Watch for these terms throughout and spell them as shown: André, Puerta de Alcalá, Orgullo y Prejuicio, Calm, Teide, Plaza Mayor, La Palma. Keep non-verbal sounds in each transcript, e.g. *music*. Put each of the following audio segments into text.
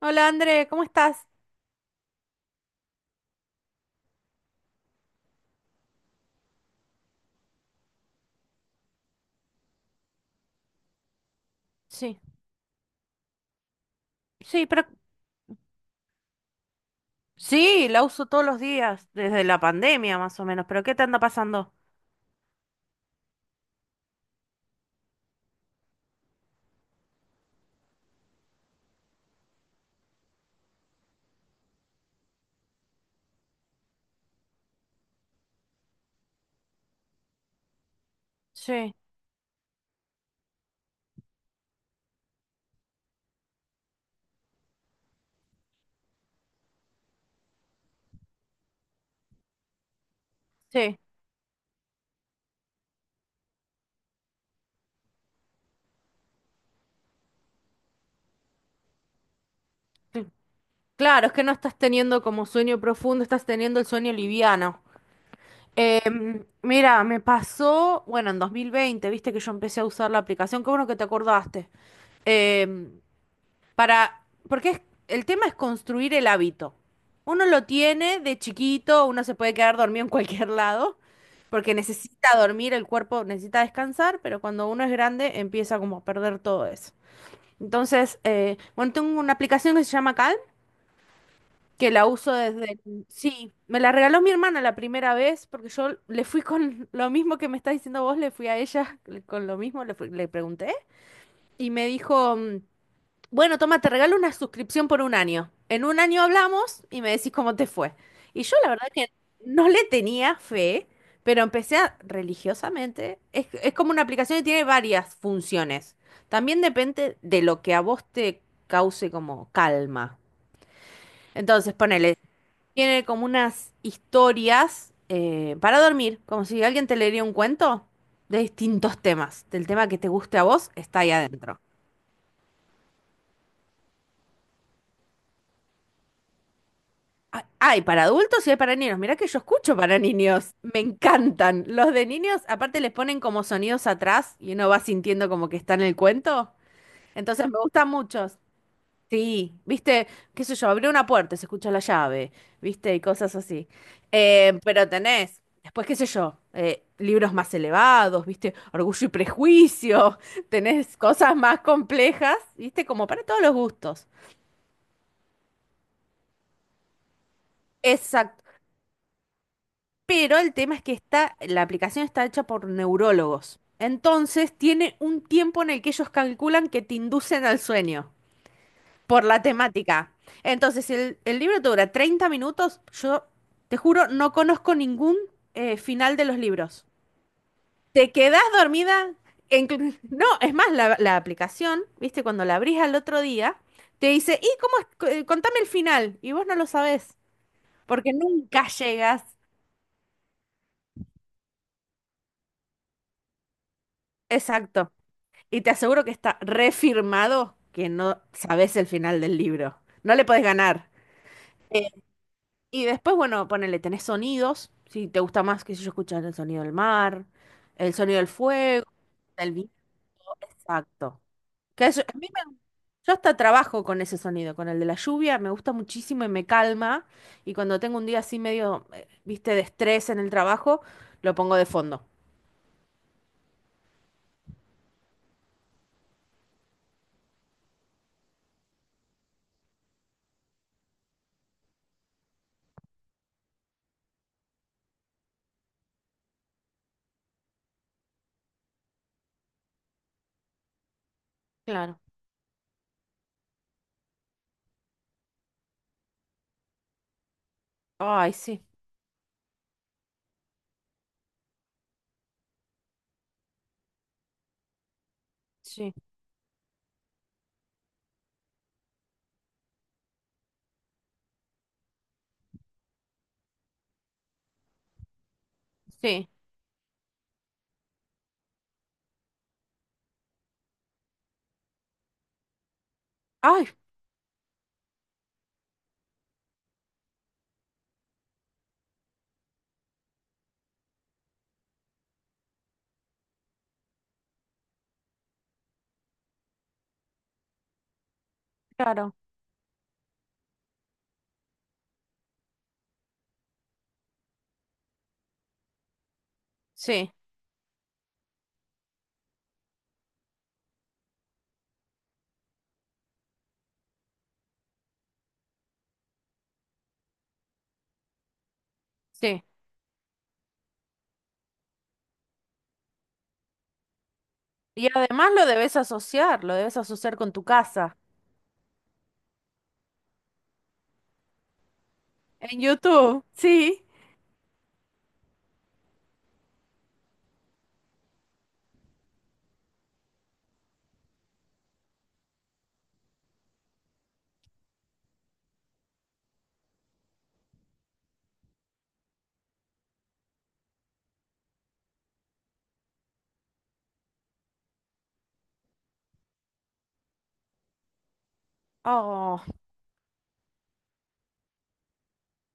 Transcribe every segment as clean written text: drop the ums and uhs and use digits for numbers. Hola André, ¿cómo estás? Sí, sí, pero sí, la uso todos los días, desde la pandemia más o menos, pero ¿qué te anda pasando? Sí, sí. Sí. Claro, es que no estás teniendo como sueño profundo, estás teniendo el sueño liviano. Mira, me pasó, bueno, en 2020, viste que yo empecé a usar la aplicación, qué bueno que te acordaste. Em, para, porque es- el tema es construir el hábito. Uno lo tiene de chiquito, uno se puede quedar dormido en cualquier *laughs* lado, porque necesita dormir, el cuerpo necesita descansar, pero cuando uno es grande empieza como a perder todo eso. Entonces, bueno, tengo una aplicación que se llama Calm, que la uso desde. Sí, me la regaló mi hermana la primera vez, porque yo le fui con *laughs* lo mismo que me estás diciendo vos, le fui a ella con lo mismo, le pregunté, y me dijo, bueno, toma, te regalo una suscripción por un año. En un año hablamos y me decís cómo te fue. Y yo la verdad que no le tenía fe, pero religiosamente. Es como una aplicación que tiene varias funciones. También depende de lo que a vos te cause como calma. Entonces, ponele, tiene como unas historias para dormir, como si alguien te leería un cuento de distintos temas. Del tema que te guste a vos, está ahí adentro. Ah, hay para adultos y hay para niños. Mirá que yo escucho para niños. Me encantan. Los de niños, aparte les ponen como sonidos atrás y uno va sintiendo como que está en el cuento. Entonces me gustan muchos. Sí, viste, qué sé yo, abrí una puerta, se escucha la llave, viste, y cosas así. Pero tenés, después qué sé yo, libros más elevados, viste, Orgullo y Prejuicio, *laughs* tenés cosas más complejas, viste, como para todos los gustos. Exacto. Pero el tema es que está, la aplicación está hecha por neurólogos. Entonces tiene un tiempo en el que ellos calculan que te inducen al sueño por la temática. Entonces el libro te dura 30 minutos. Yo te juro, no conozco ningún final de los libros. Te quedás dormida. *laughs* No, es más, la aplicación, viste, cuando la abrís al otro día, te dice, ¿y cómo es? Contame el final. Y vos no lo sabés, porque nunca llegas. Exacto. Y te aseguro que está refirmado que no sabes el final del libro. No le podés ganar. Eh, y después, bueno, ponele, tenés sonidos. Si te gusta más, qué sé yo, escuchar el sonido del mar, el sonido del fuego, el viento. Exacto. Que eso- a mí me- yo hasta trabajo con ese sonido, con el de la lluvia, me gusta muchísimo y me calma. Y cuando tengo un día así medio, viste, de estrés en el trabajo, lo pongo de fondo. Claro, ay, sí, sí, sí. Ay, claro, sí, sí. Y además lo debes asociar con tu casa. En YouTube, sí. Oh.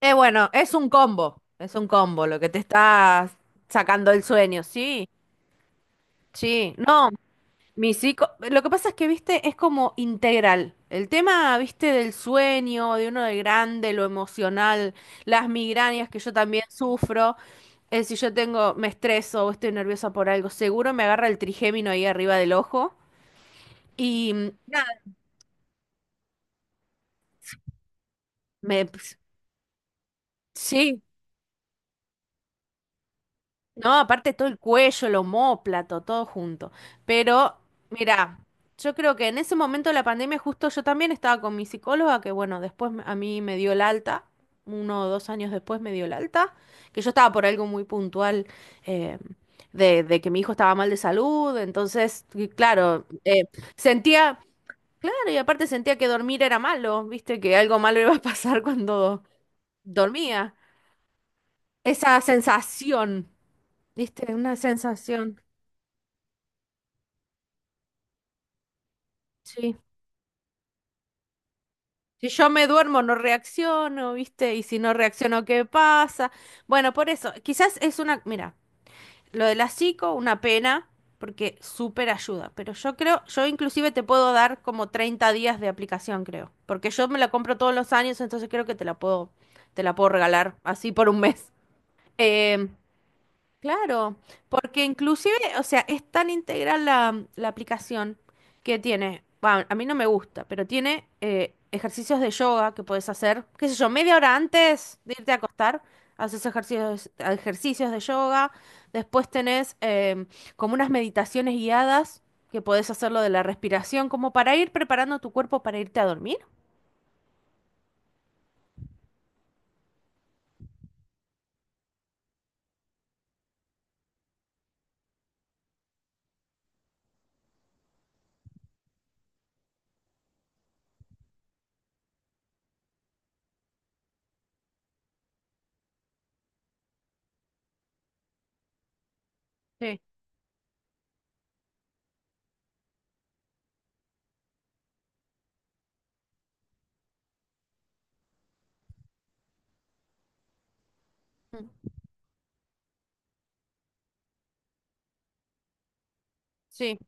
Bueno, es un combo lo que te está sacando el sueño, sí, sí. No, mi psico, lo que pasa es que, viste, es como integral. El tema, viste, del sueño, de uno de grande, lo emocional, las migrañas que yo también sufro. Si yo tengo, me estreso o estoy nerviosa por algo, seguro me agarra el trigémino ahí arriba del ojo. Y nada, me sí, no, aparte todo el cuello, el omóplato, todo junto. Pero, mira, yo creo que en ese momento de la pandemia justo yo también estaba con mi psicóloga, que bueno, a mí me dio el alta, 1 o 2 años después me dio el alta, que yo estaba por algo muy puntual eh, de que mi hijo estaba mal de salud, entonces, y claro, sentía, claro, y aparte sentía que dormir era malo, viste, que algo malo *laughs* iba a pasar cuando dormía. Esa sensación. ¿Viste? Una sensación, sí. Si yo me duermo, no reacciono, ¿viste? Y si no reacciono, ¿qué pasa? Bueno, por eso, quizás es una, mira, lo de la psico, una pena, porque súper ayuda, pero yo creo, yo inclusive te puedo dar como 30 días de aplicación, creo, porque yo me la compro todos los años, entonces creo que te la puedo regalar así por un mes. Eh, Claro, porque inclusive, o sea, es tan integral la aplicación que tiene, va, a mí no me gusta, pero tiene ejercicios de yoga que puedes hacer, qué sé yo, media hora antes de irte a acostar, haces ejercicios, ejercicios de yoga, después tenés como unas meditaciones guiadas que podés hacerlo de la respiración, como para ir preparando tu cuerpo para irte a dormir. Sí. Mm, sí,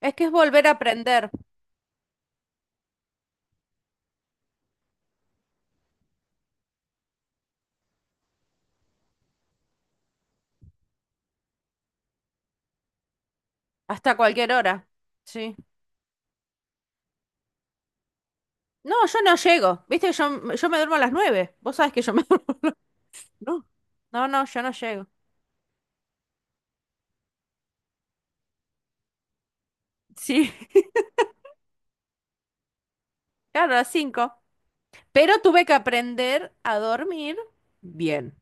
es que es volver a aprender hasta cualquier hora. Sí. No, yo no llego. Viste, yo me duermo a las 9. Vos sabés que yo me *laughs* duermo. No. No, no, yo no llego. Sí, *laughs* claro, a las 5. Pero tuve que aprender a dormir bien.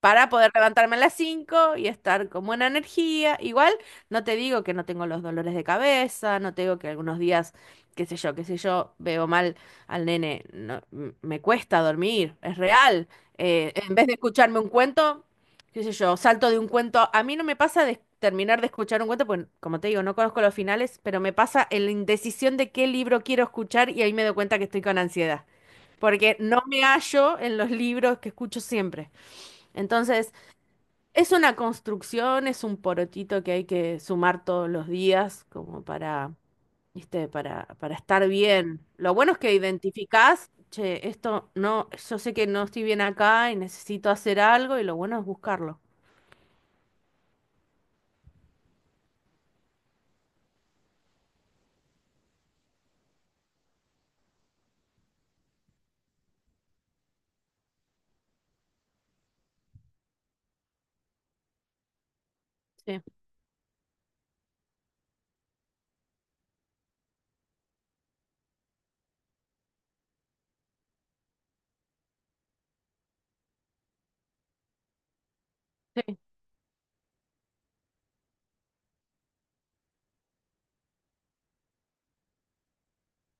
Para poder levantarme a las 5 y estar con buena energía. Igual, no te digo que no tengo los dolores de cabeza, no te digo que algunos días, qué sé yo, veo mal al nene, no, me cuesta dormir, es real. En vez de escucharme un cuento, qué sé yo, salto de un cuento. A mí no me pasa de terminar de escuchar un cuento, pues como te digo, no conozco los finales, pero me pasa en la indecisión de qué libro quiero escuchar y ahí me doy cuenta que estoy con ansiedad. Porque no me hallo en los libros que escucho siempre. Entonces, es una construcción, es un porotito que hay que sumar todos los días como para, ¿viste? Para estar bien. Lo bueno es que identificás, che, esto no, yo sé que no estoy bien acá y necesito hacer algo y lo bueno es buscarlo. Sí, sí,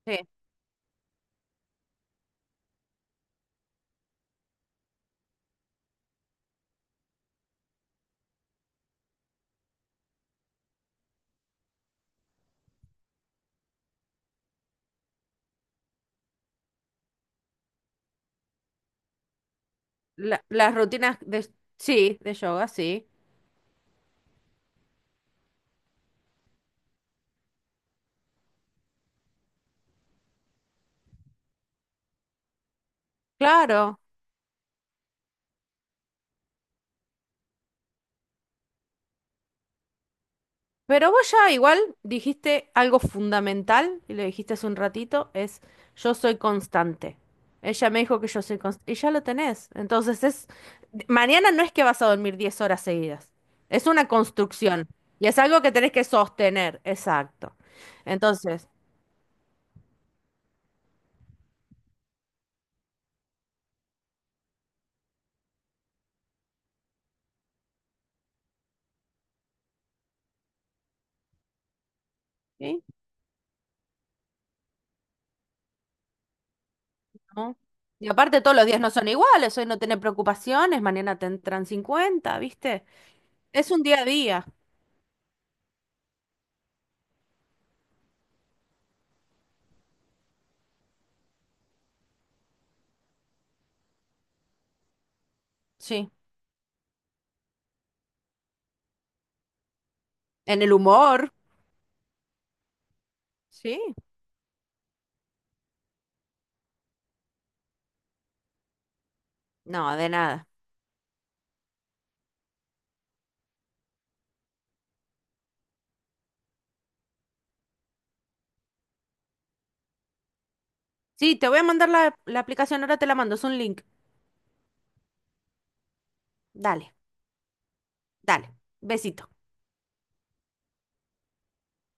sí. Las rutinas de, sí, de yoga, sí. Claro. Pero vos ya igual dijiste algo fundamental, y lo dijiste hace un ratito, es yo soy constante. Ella me dijo que yo soy constante, y ya lo tenés. Entonces es, mañana no es que vas a dormir 10 horas seguidas, es una construcción, y es algo que tenés que sostener, exacto. Entonces, ¿sí? ¿No? Y aparte todos los días no son iguales, hoy no tenés preocupaciones, mañana te entran 50, ¿viste? Es un día a día, sí. En el humor, sí. No, de nada. Sí, te voy a mandar la aplicación, ahora te la mando, es un link. Dale, dale. Besito.